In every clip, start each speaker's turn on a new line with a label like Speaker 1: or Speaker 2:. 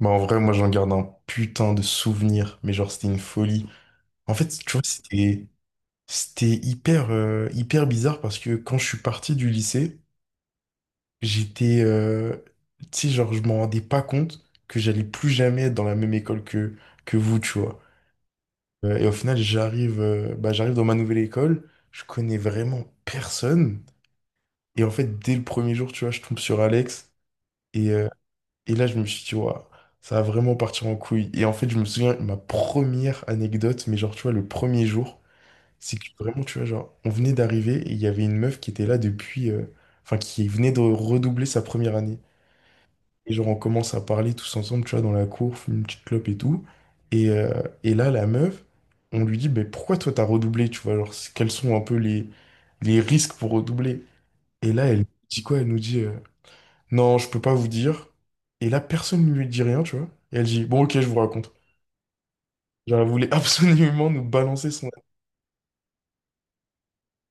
Speaker 1: Bah en vrai, moi j'en garde un putain de souvenir, mais genre c'était une folie. En fait, tu vois, c'était hyper hyper bizarre parce que quand je suis parti du lycée, j'étais tu sais genre je m'en rendais pas compte que j'allais plus jamais être dans la même école que vous, tu vois. Et au final, j'arrive bah j'arrive dans ma nouvelle école, je connais vraiment personne et en fait dès le premier jour, tu vois, je tombe sur Alex. Et euh, Et là, je me suis dit, waouh, ça va vraiment partir en couille. Et en fait, je me souviens, ma première anecdote, mais genre, tu vois, le premier jour, c'est que vraiment, tu vois, genre, on venait d'arriver et il y avait une meuf qui était là depuis, enfin, qui venait de redoubler sa première année. Et genre, on commence à parler tous ensemble, tu vois, dans la cour, fume une petite clope et tout. Et là, la meuf, on lui dit, mais pourquoi toi, t'as redoublé, tu vois, genre, quels sont un peu les risques pour redoubler? Et là, elle dit quoi? Elle nous dit. Non, je peux pas vous dire. Et là, personne ne lui dit rien, tu vois. Et elle dit, bon, ok, je vous raconte. Genre, elle voulait absolument nous balancer son...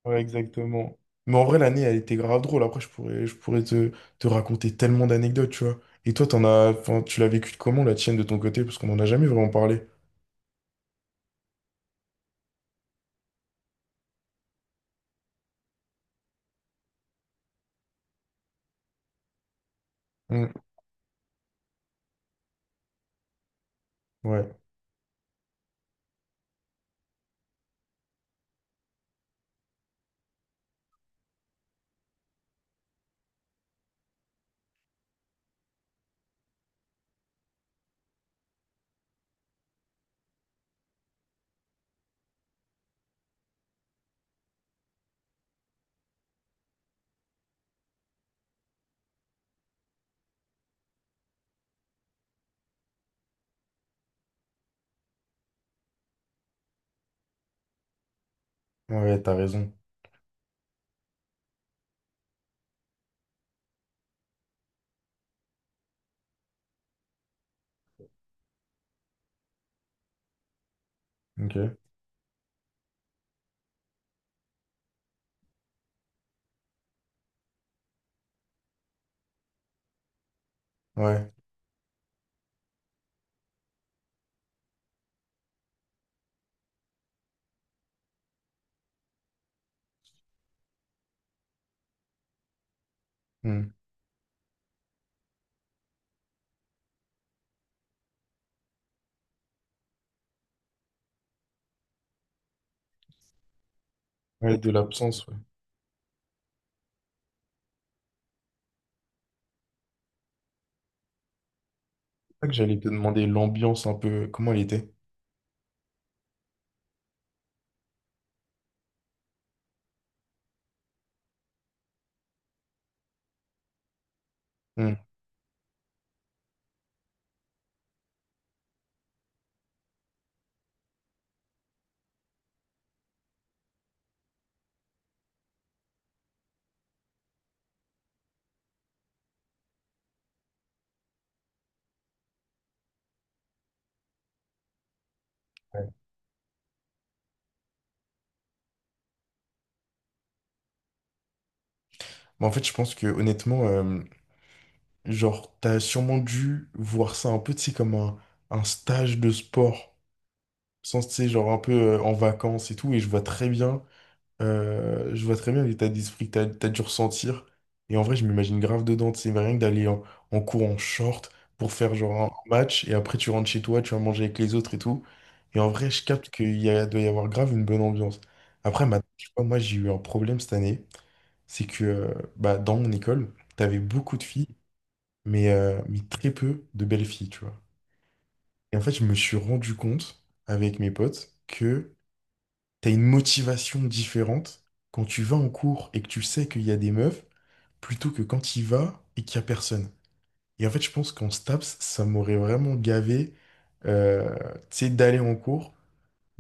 Speaker 1: Ouais, exactement. Mais en vrai, l'année, elle était grave drôle. Après, je pourrais te raconter tellement d'anecdotes, tu vois. Et toi, t'en as... enfin, tu l'as vécu comment, la tienne, de ton côté? Parce qu'on en a jamais vraiment parlé. Hmm. Ouais, ouais, t'as raison. Ok. Ouais. Hmm. Ouais, de l'absence, ouais. C'est ça que j'allais te demander, l'ambiance un peu, comment elle était? Hmm. Ouais. Mais en fait, je pense que honnêtement, genre, t'as sûrement dû voir ça un peu, tu sais, comme un stage de sport. Sans, tu sais, genre un peu en vacances et tout. Et je vois très bien, je vois très bien l'état d'esprit que t'as dû ressentir. Et en vrai, je m'imagine grave dedans, tu sais, mais rien que d'aller en cours en short pour faire genre un match. Et après, tu rentres chez toi, tu vas manger avec les autres et tout. Et en vrai, je capte doit y avoir grave une bonne ambiance. Après, maintenant, tu vois, moi, j'ai eu un problème cette année. C'est que bah, dans mon école, t'avais beaucoup de filles mais très peu de belles filles, tu vois. Et en fait, je me suis rendu compte avec mes potes que t'as une motivation différente quand tu vas en cours et que tu sais qu'il y a des meufs, plutôt que quand tu y vas et qu'il y a personne. Et en fait, je pense qu'en STAPS, ça m'aurait vraiment gavé, euh, tu sais, d'aller en cours,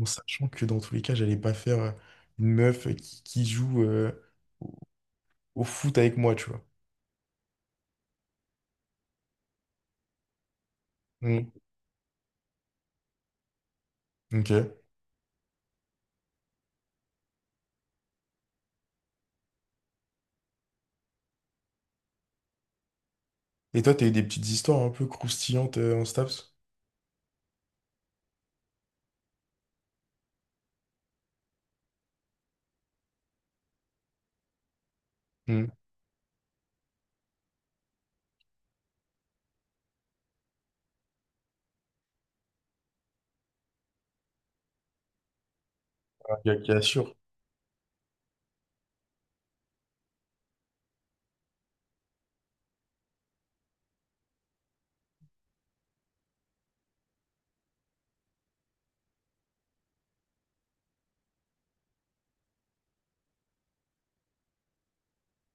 Speaker 1: en sachant que dans tous les cas, j'allais pas faire une meuf qui joue au foot avec moi, tu vois. Mm. Ok. Et toi, t'as eu des petites histoires un peu croustillantes en STAPS? Mm. Qui assurent.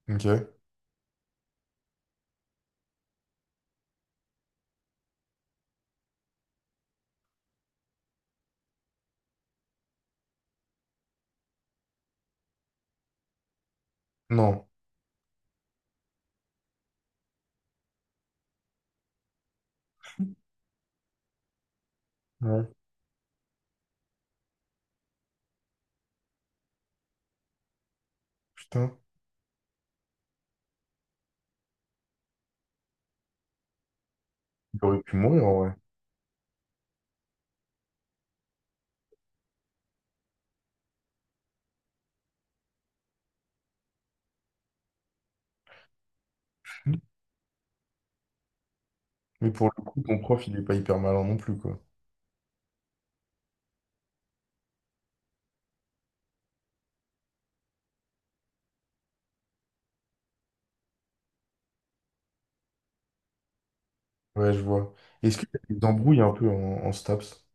Speaker 1: Ok. Non. Ouais. Putain. Il aurait pu mourir en vrai. Mais pour le coup, ton prof, il est pas hyper malin non plus, quoi. Ouais, je vois. Est-ce que t'as des embrouilles un peu en STAPS?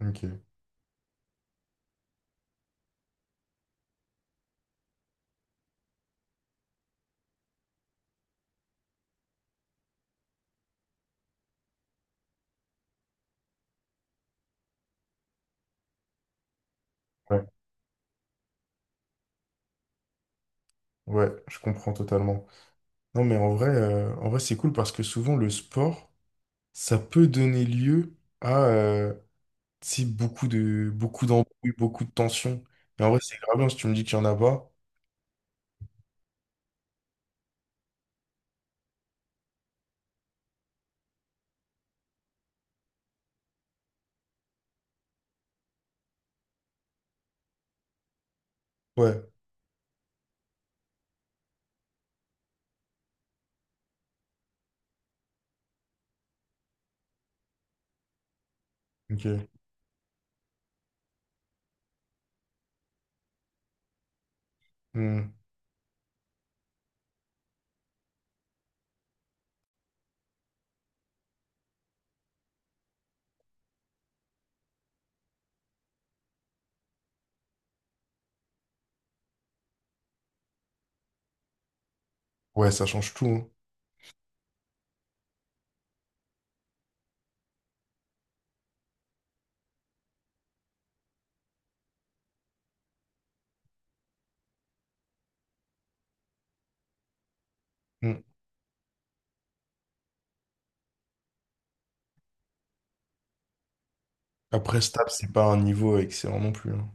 Speaker 1: Ok. Ouais. Ouais, je comprends totalement. Non, mais en vrai, c'est cool parce que souvent, le sport, ça peut donner lieu à tu sais, beaucoup d'embrouilles, beaucoup de tensions. Et en vrai, c'est grave bien si tu me dis qu'il y en a pas. Ouais. Ok. Hmm. Ouais, ça change tout, hein. Hmm. Après, stable, c'est pas un niveau excellent non plus, hein.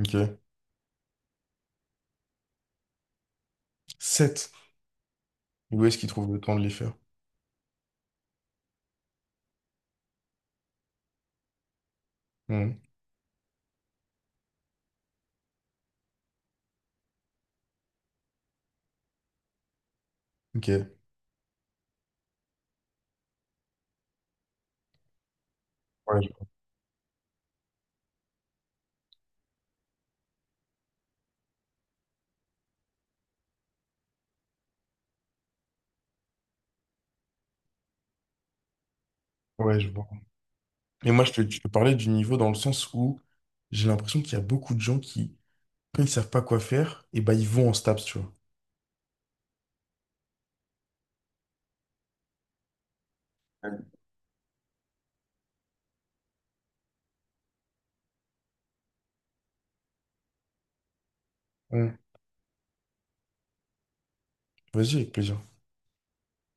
Speaker 1: Ok. 7. Où est-ce qu'il trouve le temps de les faire? Hmm. Ok. Ouais, je vois. Mais moi, je te parlais du niveau dans le sens où j'ai l'impression qu'il y a beaucoup de gens qui, quand ils savent pas quoi faire, et ben ils vont en STAPS, tu vois. Hmm. Vas-y, avec plaisir.